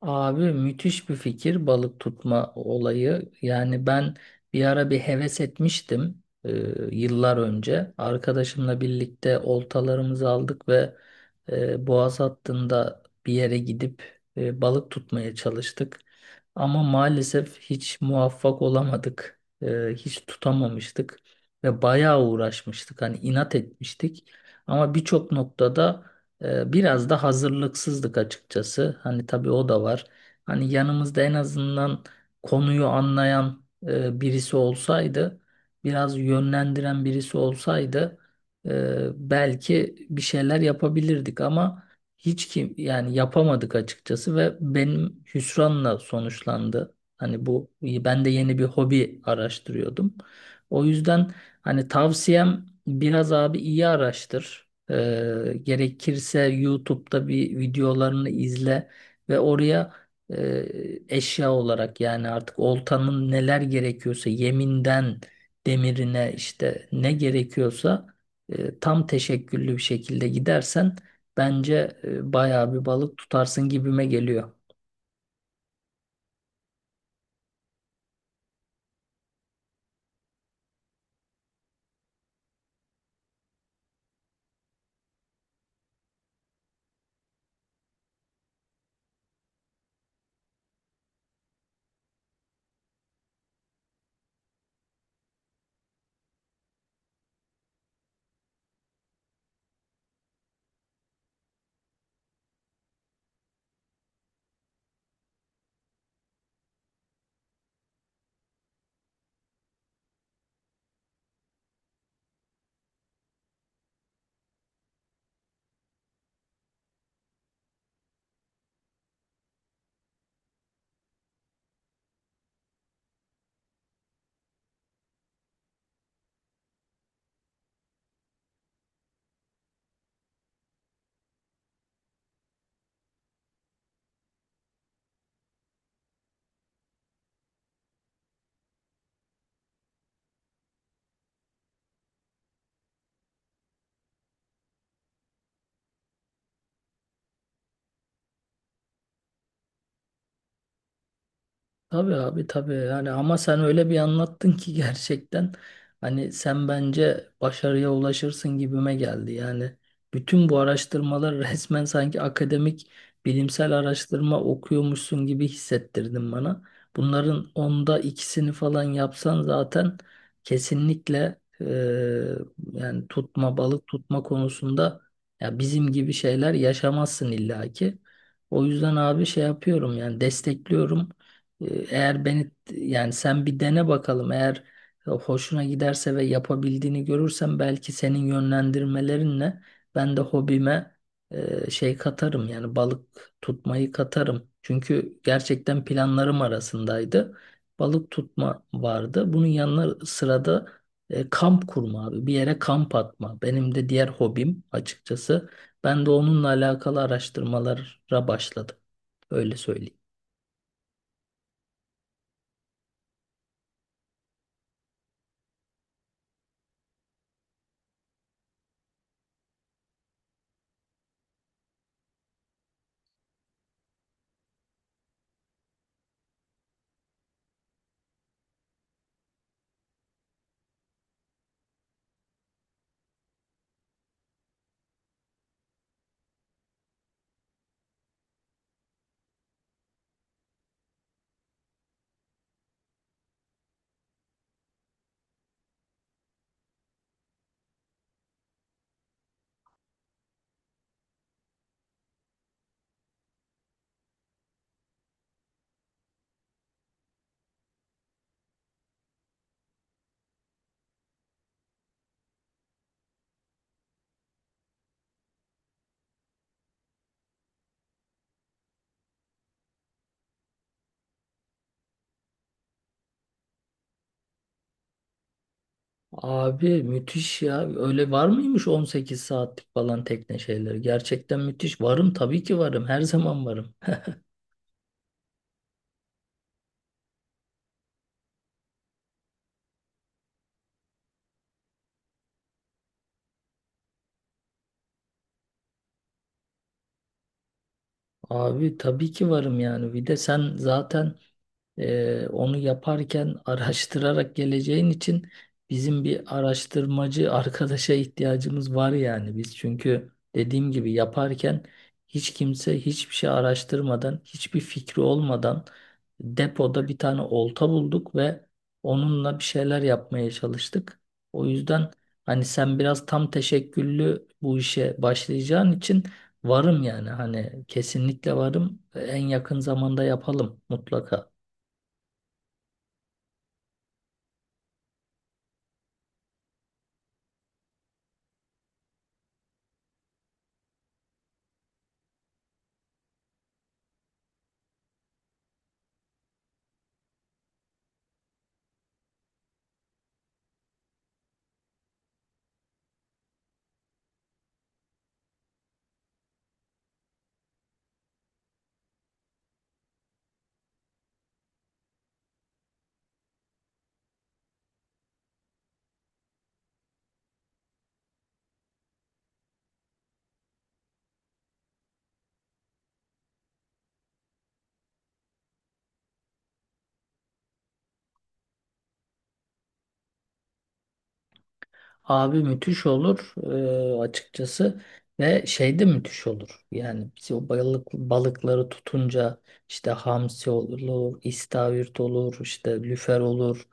Abi müthiş bir fikir balık tutma olayı. Yani ben bir ara bir heves etmiştim, yıllar önce. Arkadaşımla birlikte oltalarımızı aldık ve boğaz hattında bir yere gidip balık tutmaya çalıştık. Ama maalesef hiç muvaffak olamadık. Hiç tutamamıştık ve bayağı uğraşmıştık. Hani inat etmiştik. Ama birçok noktada biraz da hazırlıksızlık açıkçası. Hani tabii o da var. Hani yanımızda en azından konuyu anlayan birisi olsaydı, biraz yönlendiren birisi olsaydı belki bir şeyler yapabilirdik ama hiç kim yani yapamadık açıkçası ve benim hüsranla sonuçlandı. Hani bu ben de yeni bir hobi araştırıyordum. O yüzden hani tavsiyem biraz abi iyi araştır. Gerekirse YouTube'da bir videolarını izle ve oraya e, eşya olarak yani artık oltanın neler gerekiyorsa yeminden demirine işte ne gerekiyorsa tam teşekküllü bir şekilde gidersen bence bayağı bir balık tutarsın gibime geliyor. Tabii abi, tabii yani ama sen öyle bir anlattın ki gerçekten hani sen bence başarıya ulaşırsın gibime geldi. Yani bütün bu araştırmalar resmen sanki akademik bilimsel araştırma okuyormuşsun gibi hissettirdin bana. Bunların onda ikisini falan yapsan zaten kesinlikle, yani balık tutma konusunda ya bizim gibi şeyler yaşamazsın illaki. O yüzden abi şey yapıyorum yani destekliyorum. Eğer beni yani sen bir dene bakalım, eğer hoşuna giderse ve yapabildiğini görürsem belki senin yönlendirmelerinle ben de hobime şey katarım yani balık tutmayı katarım. Çünkü gerçekten planlarım arasındaydı. Balık tutma vardı. Bunun yanına sırada kamp kurma abi. Bir yere kamp atma. Benim de diğer hobim açıkçası. Ben de onunla alakalı araştırmalara başladım. Öyle söyleyeyim. Abi müthiş ya. Öyle var mıymış 18 saatlik falan tekne şeyleri? Gerçekten müthiş. Varım, tabii ki varım. Her zaman varım. Abi tabii ki varım yani. Bir de sen zaten, onu yaparken araştırarak geleceğin için bizim bir araştırmacı arkadaşa ihtiyacımız var, yani biz çünkü dediğim gibi yaparken hiç kimse hiçbir şey araştırmadan, hiçbir fikri olmadan depoda bir tane olta bulduk ve onunla bir şeyler yapmaya çalıştık. O yüzden hani sen biraz tam teşekküllü bu işe başlayacağın için varım yani, hani kesinlikle varım, en yakın zamanda yapalım mutlaka. Abi müthiş olur açıkçası. Ve şey de müthiş olur. Yani biz o balıkları tutunca işte hamsi olur, istavrit olur, işte lüfer olur,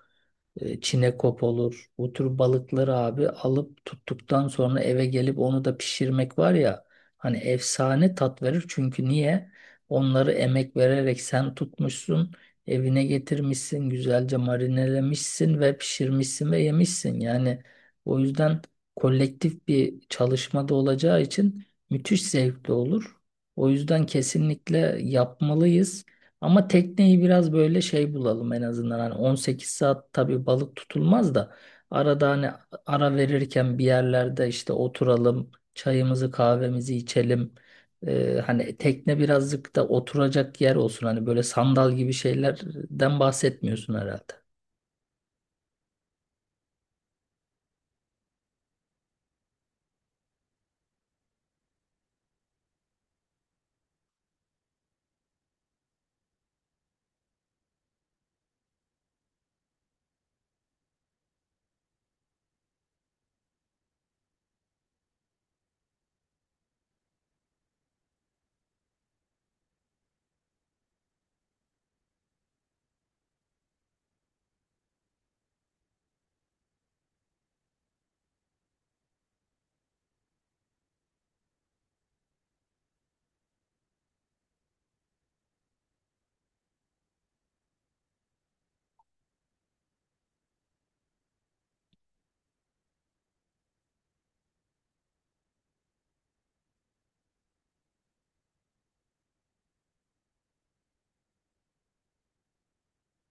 çinekop olur. Bu tür balıkları abi alıp tuttuktan sonra eve gelip onu da pişirmek var ya, hani efsane tat verir. Çünkü niye? Onları emek vererek sen tutmuşsun, evine getirmişsin, güzelce marinelemişsin ve pişirmişsin ve yemişsin. Yani o yüzden kolektif bir çalışmada olacağı için müthiş zevkli olur. O yüzden kesinlikle yapmalıyız. Ama tekneyi biraz böyle şey bulalım en azından. Hani 18 saat tabii balık tutulmaz da arada hani ara verirken bir yerlerde işte oturalım, çayımızı kahvemizi içelim. Hani tekne birazcık da oturacak yer olsun. Hani böyle sandal gibi şeylerden bahsetmiyorsun herhalde.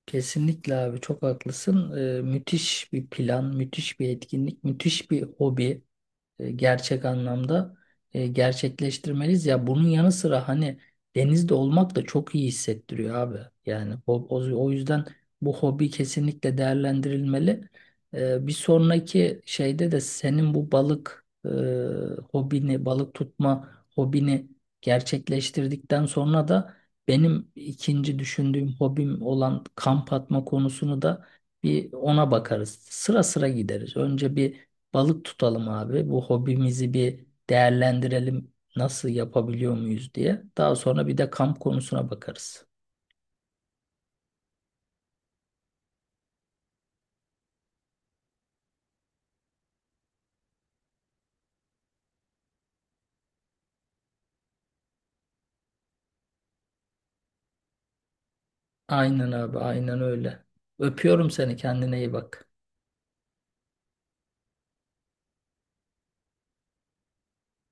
Kesinlikle abi, çok haklısın. Müthiş bir plan, müthiş bir etkinlik, müthiş bir hobi, gerçek anlamda gerçekleştirmeliyiz. Ya bunun yanı sıra hani denizde olmak da çok iyi hissettiriyor abi. Yani o yüzden bu hobi kesinlikle değerlendirilmeli. E, bir sonraki şeyde de senin bu balık, hobini, balık tutma hobini gerçekleştirdikten sonra da benim ikinci düşündüğüm hobim olan kamp atma konusunu da bir ona bakarız. Sıra sıra gideriz. Önce bir balık tutalım abi. Bu hobimizi bir değerlendirelim. Nasıl, yapabiliyor muyuz diye. Daha sonra bir de kamp konusuna bakarız. Aynen abi, aynen öyle. Öpüyorum seni. Kendine iyi bak.